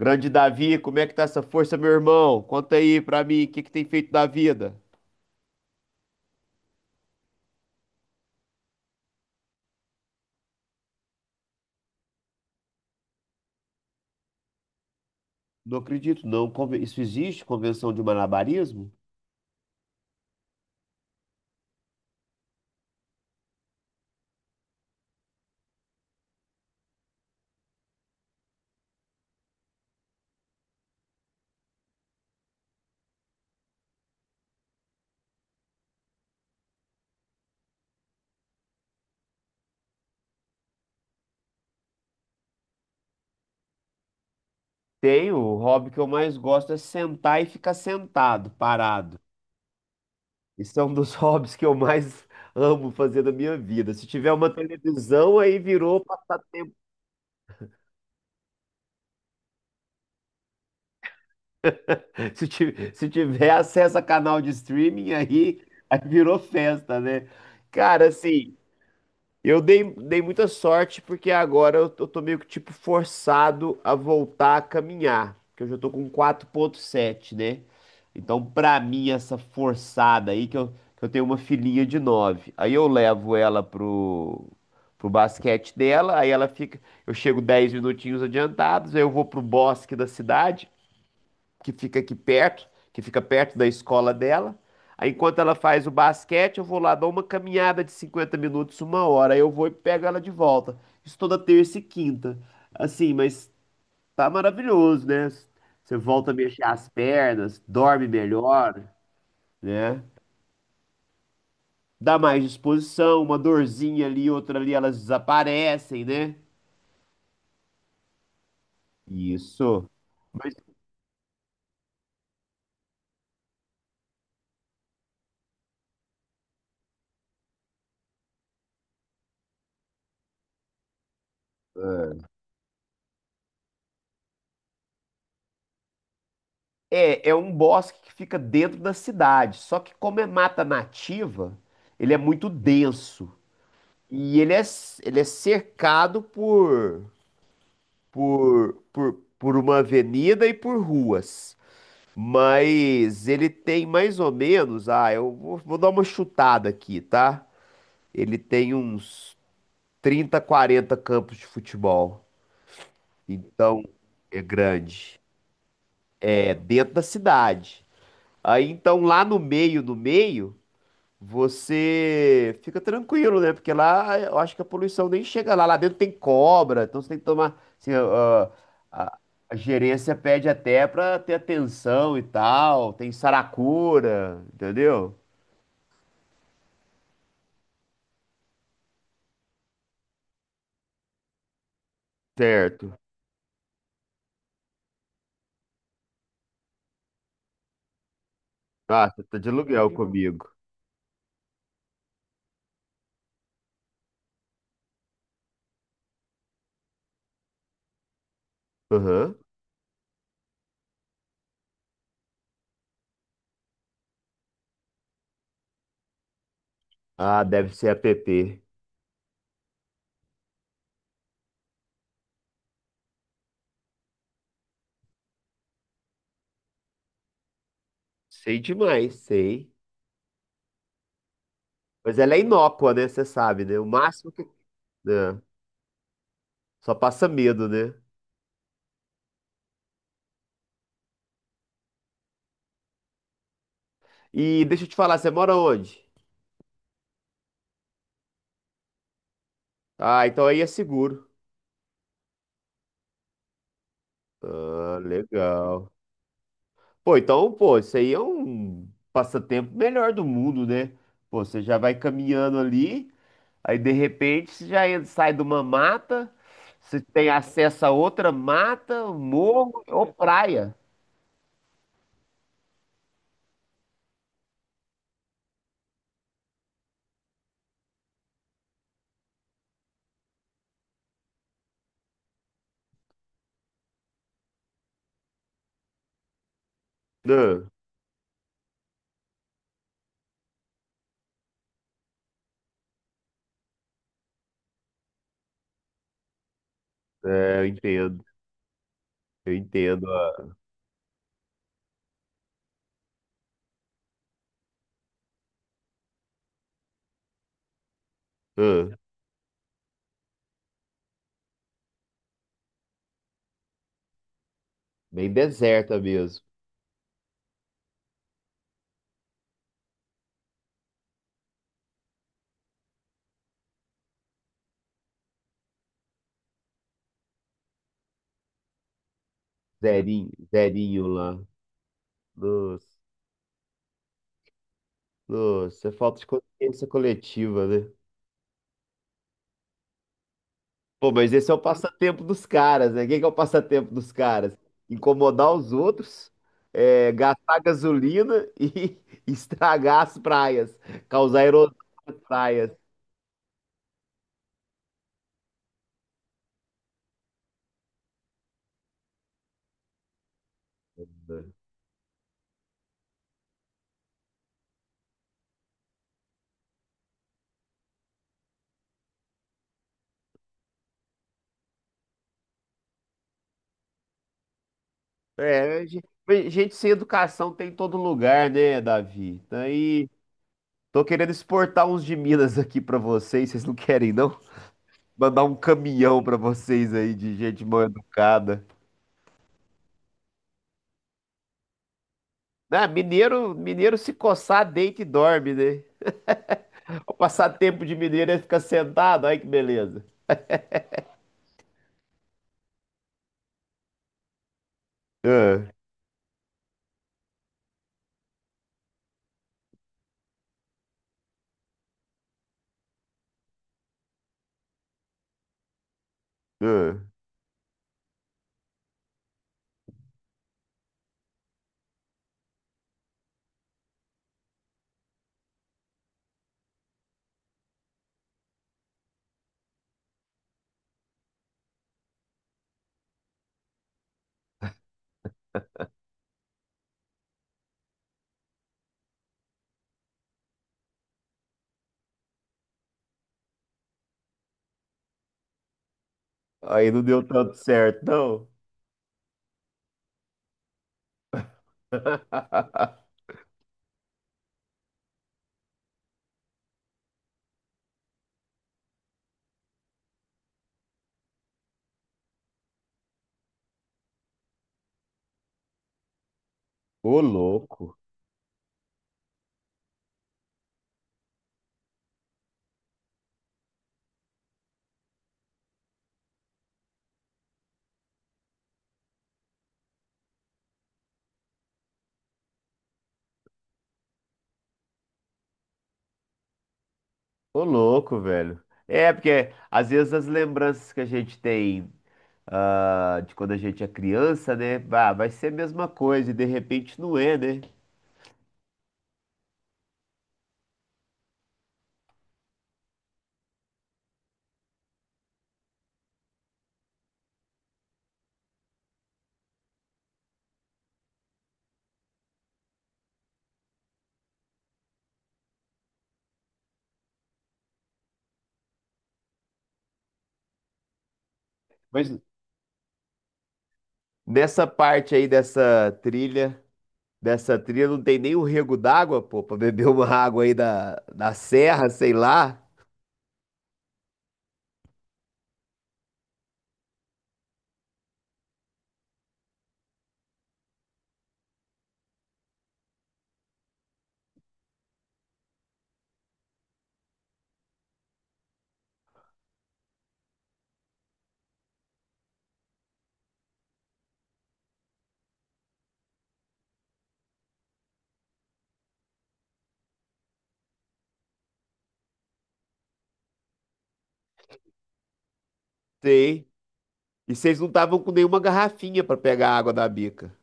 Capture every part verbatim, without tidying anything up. Grande Davi, como é que tá essa força, meu irmão? Conta aí pra mim, o que que tem feito da vida? Não acredito, não. Conven- Isso existe? Convenção de malabarismo? Tenho, o hobby que eu mais gosto é sentar e ficar sentado, parado. Isso é um dos hobbies que eu mais amo fazer na minha vida. Se tiver uma televisão, aí virou passatempo. Se ti- se tiver acesso a canal de streaming, aí, aí virou festa, né? Cara, assim, Eu dei, dei muita sorte porque agora eu, tô eu tô meio que tipo forçado a voltar a caminhar, porque eu já tô com quarenta e sete, né? Então, pra mim, essa forçada aí, que eu, que eu tenho uma filhinha de nove, aí eu levo ela pro, pro basquete dela, aí ela fica, eu chego dez minutinhos adiantados, aí eu vou pro bosque da cidade, que fica aqui perto, que fica perto da escola dela. Aí, enquanto ela faz o basquete, eu vou lá, dou uma caminhada de cinquenta minutos, uma hora. Aí eu vou e pego ela de volta. Isso toda terça e quinta. Assim, mas tá maravilhoso, né? Você volta a mexer as pernas, dorme melhor, né? Dá mais disposição, uma dorzinha ali, outra ali, elas desaparecem, né? Isso. É, é um bosque que fica dentro da cidade, só que como é mata nativa, ele é muito denso e ele é, c- ele é cercado por, por, por, por uma avenida e por ruas. Mas ele tem mais ou menos, ah, eu vou, vou dar uma chutada aqui, tá? Ele tem uns trinta, quarenta campos de futebol. Então, é grande. É dentro da cidade. Aí então lá no meio, no meio, você fica tranquilo, né? Porque lá eu acho que a poluição nem chega lá. Lá dentro tem cobra, então você tem que tomar. Assim, a, a- a gerência pede até pra ter atenção e tal. Tem saracura, entendeu? Certo. Ah, você tá de aluguel comigo. Aham. Ah, deve ser app. Sei demais, sei. Mas ela é inócua, né? Você sabe, né? O máximo que. Né? Só passa medo, né? E deixa eu te falar, você mora onde? Ah, então aí é seguro. Ah, legal. Pô, então, pô, isso aí é um passatempo melhor do mundo, né? Pô, você já vai caminhando ali, aí de repente você já en- sai de uma mata, você tem acesso a outra mata, um morro ou praia. Ah, é, eu entendo, eu entendo. ah, ah, Bem deserta mesmo. Zerinho, zerinho lá. Nossa, nossa, é falta de consciência coletiva, né? Pô, mas esse é o passatempo dos caras, né? Quem que é o passatempo dos caras? Incomodar os outros, é, gastar gasolina e estragar as praias, causar erosão nas praias. É, ge- mas gente sem educação tem em todo lugar, né, Davi? Então, aí, tô querendo exportar uns de Minas aqui pra vocês, vocês não querem, não? Mandar um caminhão pra vocês aí de gente mal educada. Ah, mineiro, mineiro se coçar, deita e dorme, né? O passatempo de mineiro é ficar sentado, olha que beleza. É, é. Aí não deu tanto certo, não. Ô louco, ô louco, velho. É, porque às vezes as lembranças que a gente tem ah, de quando a gente é criança, né? Bah, vai ser a mesma coisa e de repente não é, né? Mas nessa parte aí dessa trilha, dessa trilha não tem nem um rego d'água, pô, pra beber uma água aí da, da serra, sei lá. Sei. E vocês não estavam com nenhuma garrafinha para pegar a água da bica.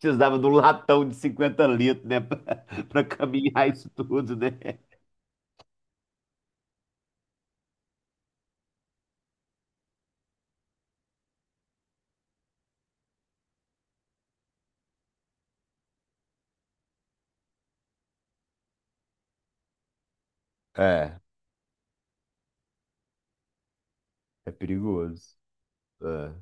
Precisava de um latão de cinquenta litros, né? Para caminhar isso tudo, né? É, é perigoso. É.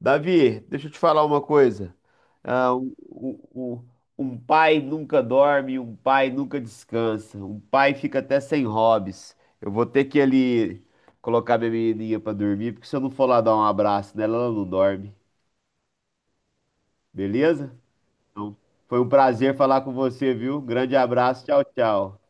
Davi, deixa eu te falar uma coisa. Ah, um, um- um- um pai nunca dorme, um pai nunca descansa, um pai fica até sem hobbies. Eu vou ter que ali colocar minha menininha para dormir, porque se eu não for lá dar um abraço nela, ela não dorme. Beleza? Então, foi um prazer falar com você, viu? Grande abraço, tchau, tchau.